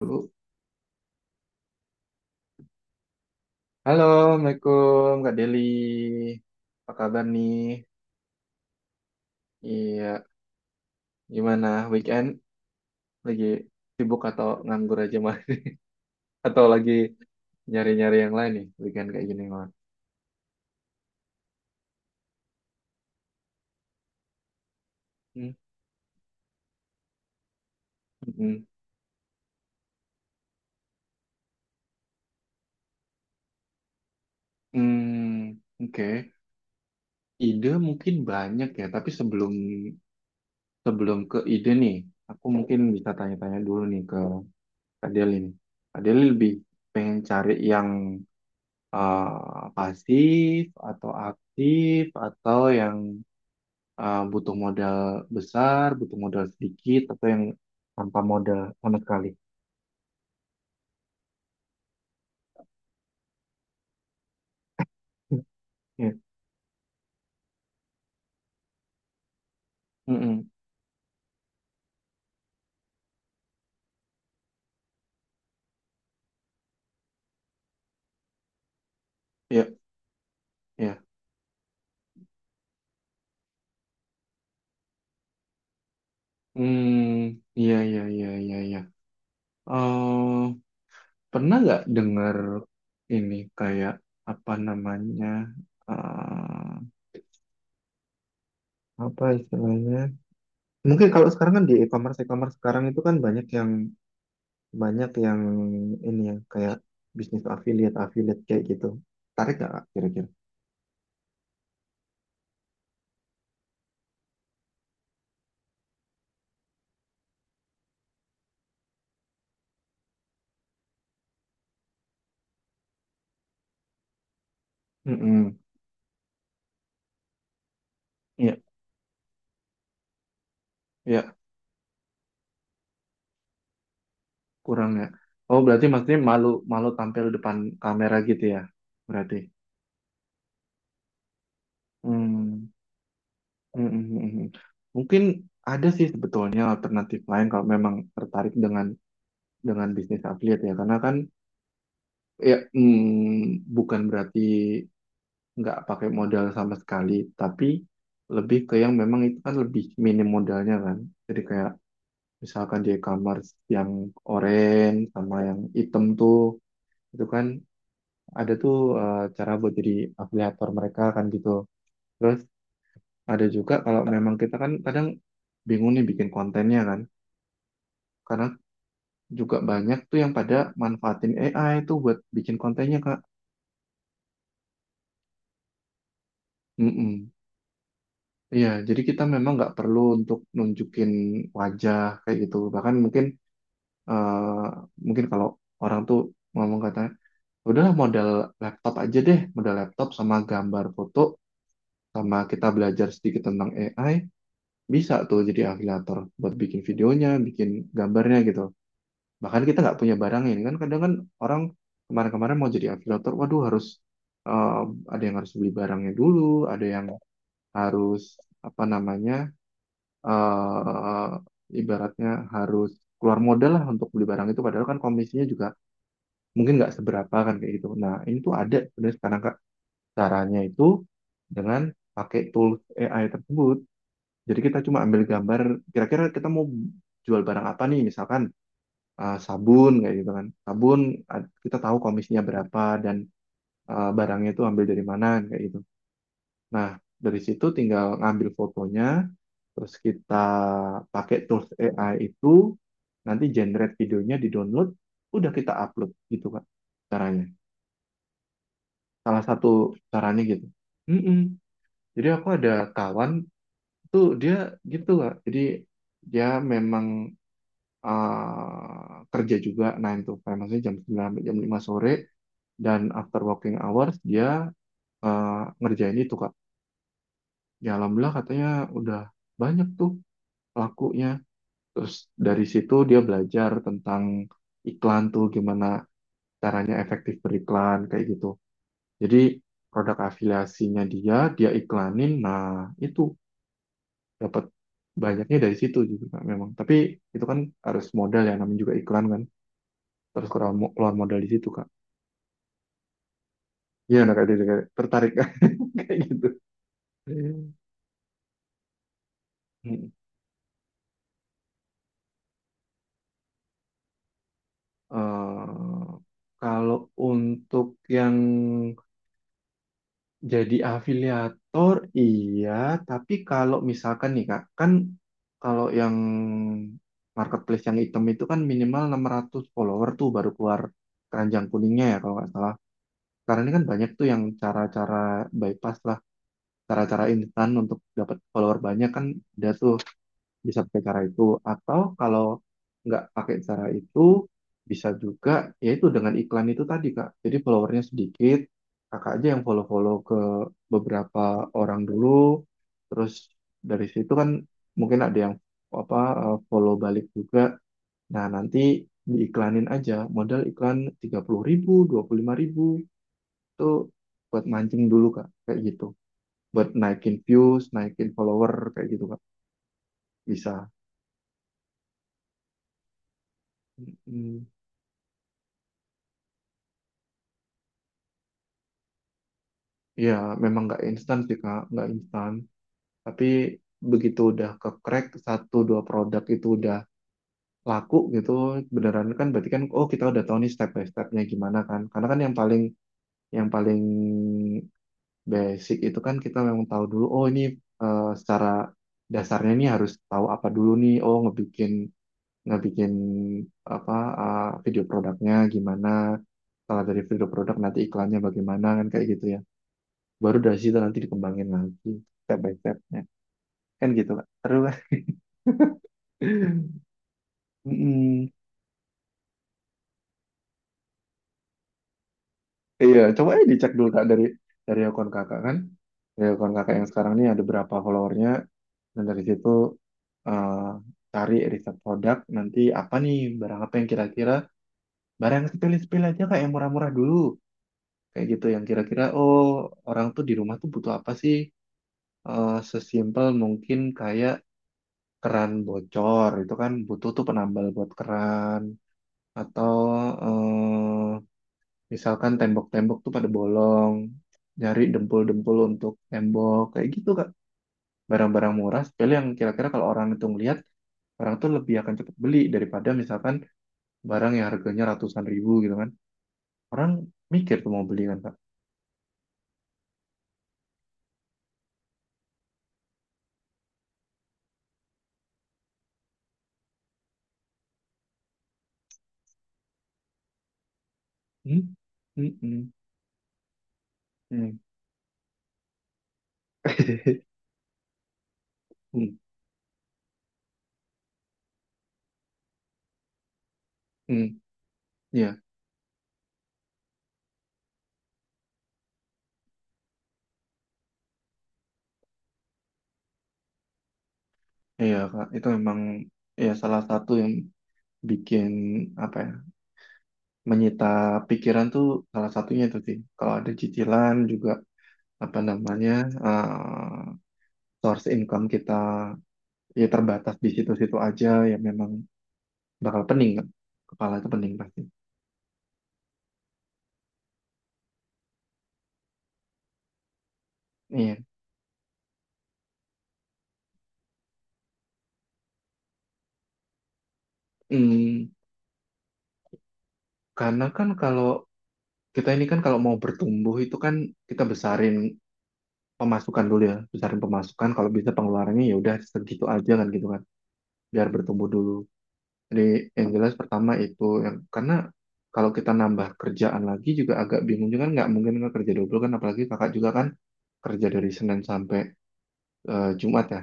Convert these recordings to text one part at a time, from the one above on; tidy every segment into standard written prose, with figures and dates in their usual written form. Dulu. Halo, Assalamualaikum Kak Deli. Apa kabar nih? Iya, gimana weekend? Lagi sibuk atau nganggur aja mah? Atau lagi nyari-nyari yang lain nih weekend kayak gini mah? Hmm, hmm, hmm, oke. Ide mungkin banyak ya, tapi sebelum sebelum ke ide nih, aku mungkin bisa tanya-tanya dulu nih ke Kak Deli nih. Kak Deli lebih pengen cari yang eh, pasif atau aktif atau yang butuh modal besar, butuh modal sedikit, atau yang tanpa modal sama sekali. Ya, mm-mm. Ya, ya. Hmm, iya, iya, iya, iya, iya. Eh, Pernah nggak dengar ini kayak apa namanya? eh, Apa istilahnya? Mungkin kalau sekarang kan di e-commerce sekarang itu kan banyak yang ini ya kayak bisnis affiliate, affiliate kayak gitu. Tarik nggak Kak, kira-kira? Mm-mm. Iya, iya. Kurang ya. Oh, berarti maksudnya malu malu tampil depan kamera gitu ya. Berarti. Hmm. Hmm, hmm, hmm, hmm. Mungkin ada sih sebetulnya alternatif lain kalau memang tertarik dengan bisnis affiliate ya. Karena kan ya bukan berarti nggak pakai modal sama sekali, tapi lebih ke yang memang itu kan lebih minim modalnya kan. Jadi kayak misalkan di e-commerce yang orange sama yang hitam tuh itu kan ada tuh cara buat jadi afiliator mereka kan gitu. Terus ada juga kalau memang kita kan kadang bingung nih bikin kontennya kan. Karena juga banyak tuh yang pada manfaatin AI tuh buat bikin kontennya Kak. Mm-mm. Iya, jadi kita memang nggak perlu untuk nunjukin wajah kayak gitu. Bahkan eh, mungkin kalau orang tuh ngomong katanya, udahlah modal laptop aja deh, modal laptop sama gambar foto sama kita belajar sedikit tentang AI. Bisa tuh jadi afiliator buat bikin videonya, bikin gambarnya gitu. Bahkan kita nggak punya barangnya. Ini kan kadang kan orang kemarin-kemarin mau jadi afiliator, waduh harus eh, ada yang harus beli barangnya dulu, ada yang harus apa namanya, eh ibaratnya harus keluar modal lah untuk beli barang itu. Padahal kan komisinya juga mungkin nggak seberapa kan kayak gitu. Nah ini tuh ada sebenarnya sekarang Kak. Caranya itu dengan pakai tools AI tersebut jadi kita cuma ambil gambar, kira-kira kita mau jual barang apa nih, misalkan sabun kayak gitu kan. Kita tahu komisinya berapa dan barangnya itu ambil dari mana kayak gitu. Nah, dari situ tinggal ngambil fotonya, terus kita pakai tools AI itu nanti generate videonya di-download, udah kita upload gitu Kak caranya. Salah satu caranya gitu. Mm-mm. Jadi aku ada kawan tuh dia gitu Kak. Jadi dia memang kerja juga 9 to 5, maksudnya jam 9 sampai jam 5 sore, dan after working hours dia ngerjain itu, Kak. Ya alhamdulillah katanya udah banyak tuh lakunya. Terus dari situ dia belajar tentang iklan tuh, gimana caranya efektif beriklan, kayak gitu. Jadi produk afiliasinya dia, iklanin, nah itu dapat banyaknya dari situ juga Kak, memang. Tapi itu kan harus modal ya, namanya juga iklan kan. Terus keluar keluar modal di situ, Kak. Iya, anak IT juga tertarik kayak gitu. Hmm. Eh, Kalau untuk yang jadi afiliator, iya. Tapi kalau misalkan nih Kak, kan kalau yang marketplace yang hitam itu kan minimal 600 follower tuh baru keluar keranjang kuningnya ya kalau nggak salah. Karena ini kan banyak tuh yang cara-cara bypass lah, cara-cara instan untuk dapat follower banyak kan ada tuh. Bisa pakai cara itu atau kalau nggak pakai cara itu bisa juga, yaitu dengan iklan itu tadi Kak. Jadi followernya sedikit, kakak aja yang follow-follow ke beberapa orang dulu. Terus dari situ kan mungkin ada yang apa follow balik juga. Nah nanti diiklanin aja modal iklan 30.000 25.000 itu buat mancing dulu Kak kayak gitu, buat naikin views naikin follower kayak gitu Kak, bisa. Mm. Ya, memang nggak instan sih, Kak. Nggak instan. Tapi begitu udah ke crack satu dua produk itu udah laku gitu, beneran kan, berarti kan oh kita udah tahu nih step by stepnya gimana kan. Karena kan yang paling basic itu kan kita memang tahu dulu oh ini secara dasarnya nih harus tahu apa dulu nih. Oh ngebikin ngebikin apa video produknya gimana. Setelah dari video produk nanti iklannya bagaimana kan kayak gitu ya, baru dari situ nanti dikembangin lagi step by stepnya kan gitu Kak, terus lah. Mm-mm. Iya coba aja dicek dulu Kak dari akun kakak kan, dari akun kakak yang sekarang ini ada berapa followernya, dan dari situ eh, cari riset produk nanti apa nih, barang apa yang kira-kira, barang yang sepele-sepele aja Kak yang murah-murah dulu kayak gitu, yang kira-kira oh orang tuh di rumah tuh butuh apa sih. Sesimpel mungkin kayak keran bocor itu kan butuh tuh penambal buat keran, atau eh, misalkan tembok-tembok tuh pada bolong, nyari dempul-dempul untuk tembok, kayak gitu Kak. Barang-barang murah, sepele yang kira-kira kalau orang itu ngelihat, orang tuh lebih akan cepet beli daripada misalkan barang yang harganya ratusan ribu gitu kan. Orang mikir tuh mau beli kan Kak. Hmm? Hmm, hmm, hmm. Hmm, hmm, iya, iya Kak, itu memang ya salah satu yang bikin apa ya, menyita pikiran tuh salah satunya itu sih. Kalau ada cicilan juga apa namanya eh, source income kita ya terbatas di situ-situ aja ya, memang bakal pening kan, kepala itu pening pasti. Iya, hmm, karena kan kalau kita ini kan kalau mau bertumbuh itu kan kita besarin pemasukan dulu ya, besarin pemasukan kalau bisa pengeluarannya ya udah segitu aja kan gitu kan, biar bertumbuh dulu. Jadi yang jelas pertama itu, yang karena kalau kita nambah kerjaan lagi juga agak bingung juga kan, nggak mungkin nggak kerja double kan, apalagi kakak juga kan kerja dari Senin sampai Jumat ya,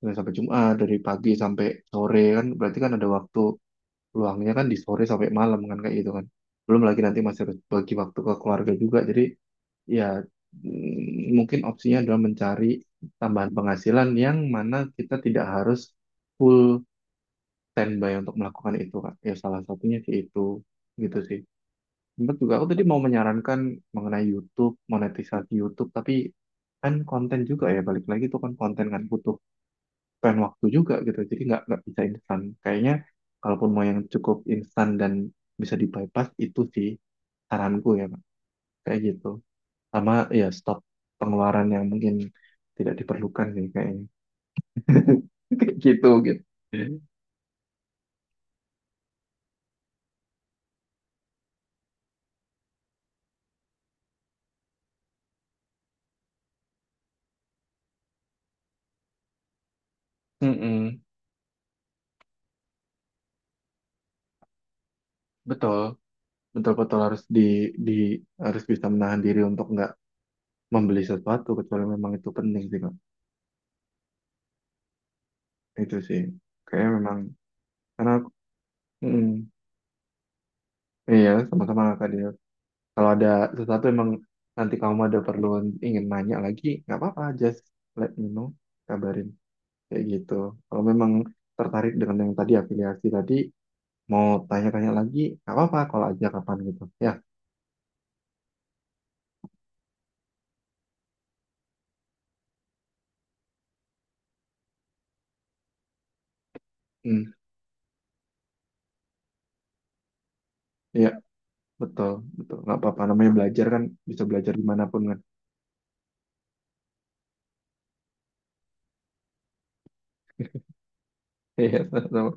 Senin sampai Jumat dari pagi sampai sore kan, berarti kan ada waktu luangnya kan di sore sampai malam kan kayak gitu kan, belum lagi nanti masih harus bagi waktu ke keluarga juga. Jadi ya mungkin opsinya adalah mencari tambahan penghasilan yang mana kita tidak harus full standby untuk melakukan itu Kak, ya salah satunya sih itu, gitu sih. Sempat juga aku tadi mau menyarankan mengenai YouTube, monetisasi YouTube, tapi kan konten juga ya, balik lagi itu kan konten kan butuh spend waktu juga gitu. Jadi nggak bisa instan. Kayaknya kalaupun mau yang cukup instan dan bisa di-bypass itu sih saranku ya, Pak. Kayak gitu. Sama ya, stop pengeluaran yang mungkin tidak diperlukan sih kayaknya. Kayak gitu gitu. Mm-mm. Betul, betul-betul harus di harus bisa menahan diri untuk nggak membeli sesuatu kecuali memang itu penting sih Kak. Itu sih. Kayaknya memang. karena aku- mm, iya, sama-sama Kak Dea. Kalau ada sesuatu emang nanti kamu ada perlu ingin nanya lagi, nggak apa-apa, just let me know, kabarin kayak gitu. Kalau memang tertarik dengan yang tadi afiliasi tadi, mau tanya-tanya lagi, nggak apa-apa, kalau aja kapan gitu. Ya, hmm, ya betul, betul, nggak apa-apa. Namanya belajar kan bisa belajar dimanapun kan. Iya, sama-sama.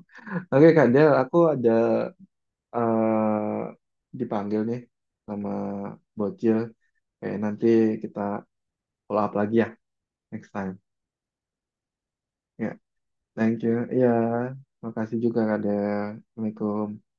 Oke Kak Del, aku ada eh, dipanggil nih sama Bocil. Kayak nanti kita follow up lagi ya next time. Ya. Thank you. Iya, makasih juga Kak Del. Assalamualaikum.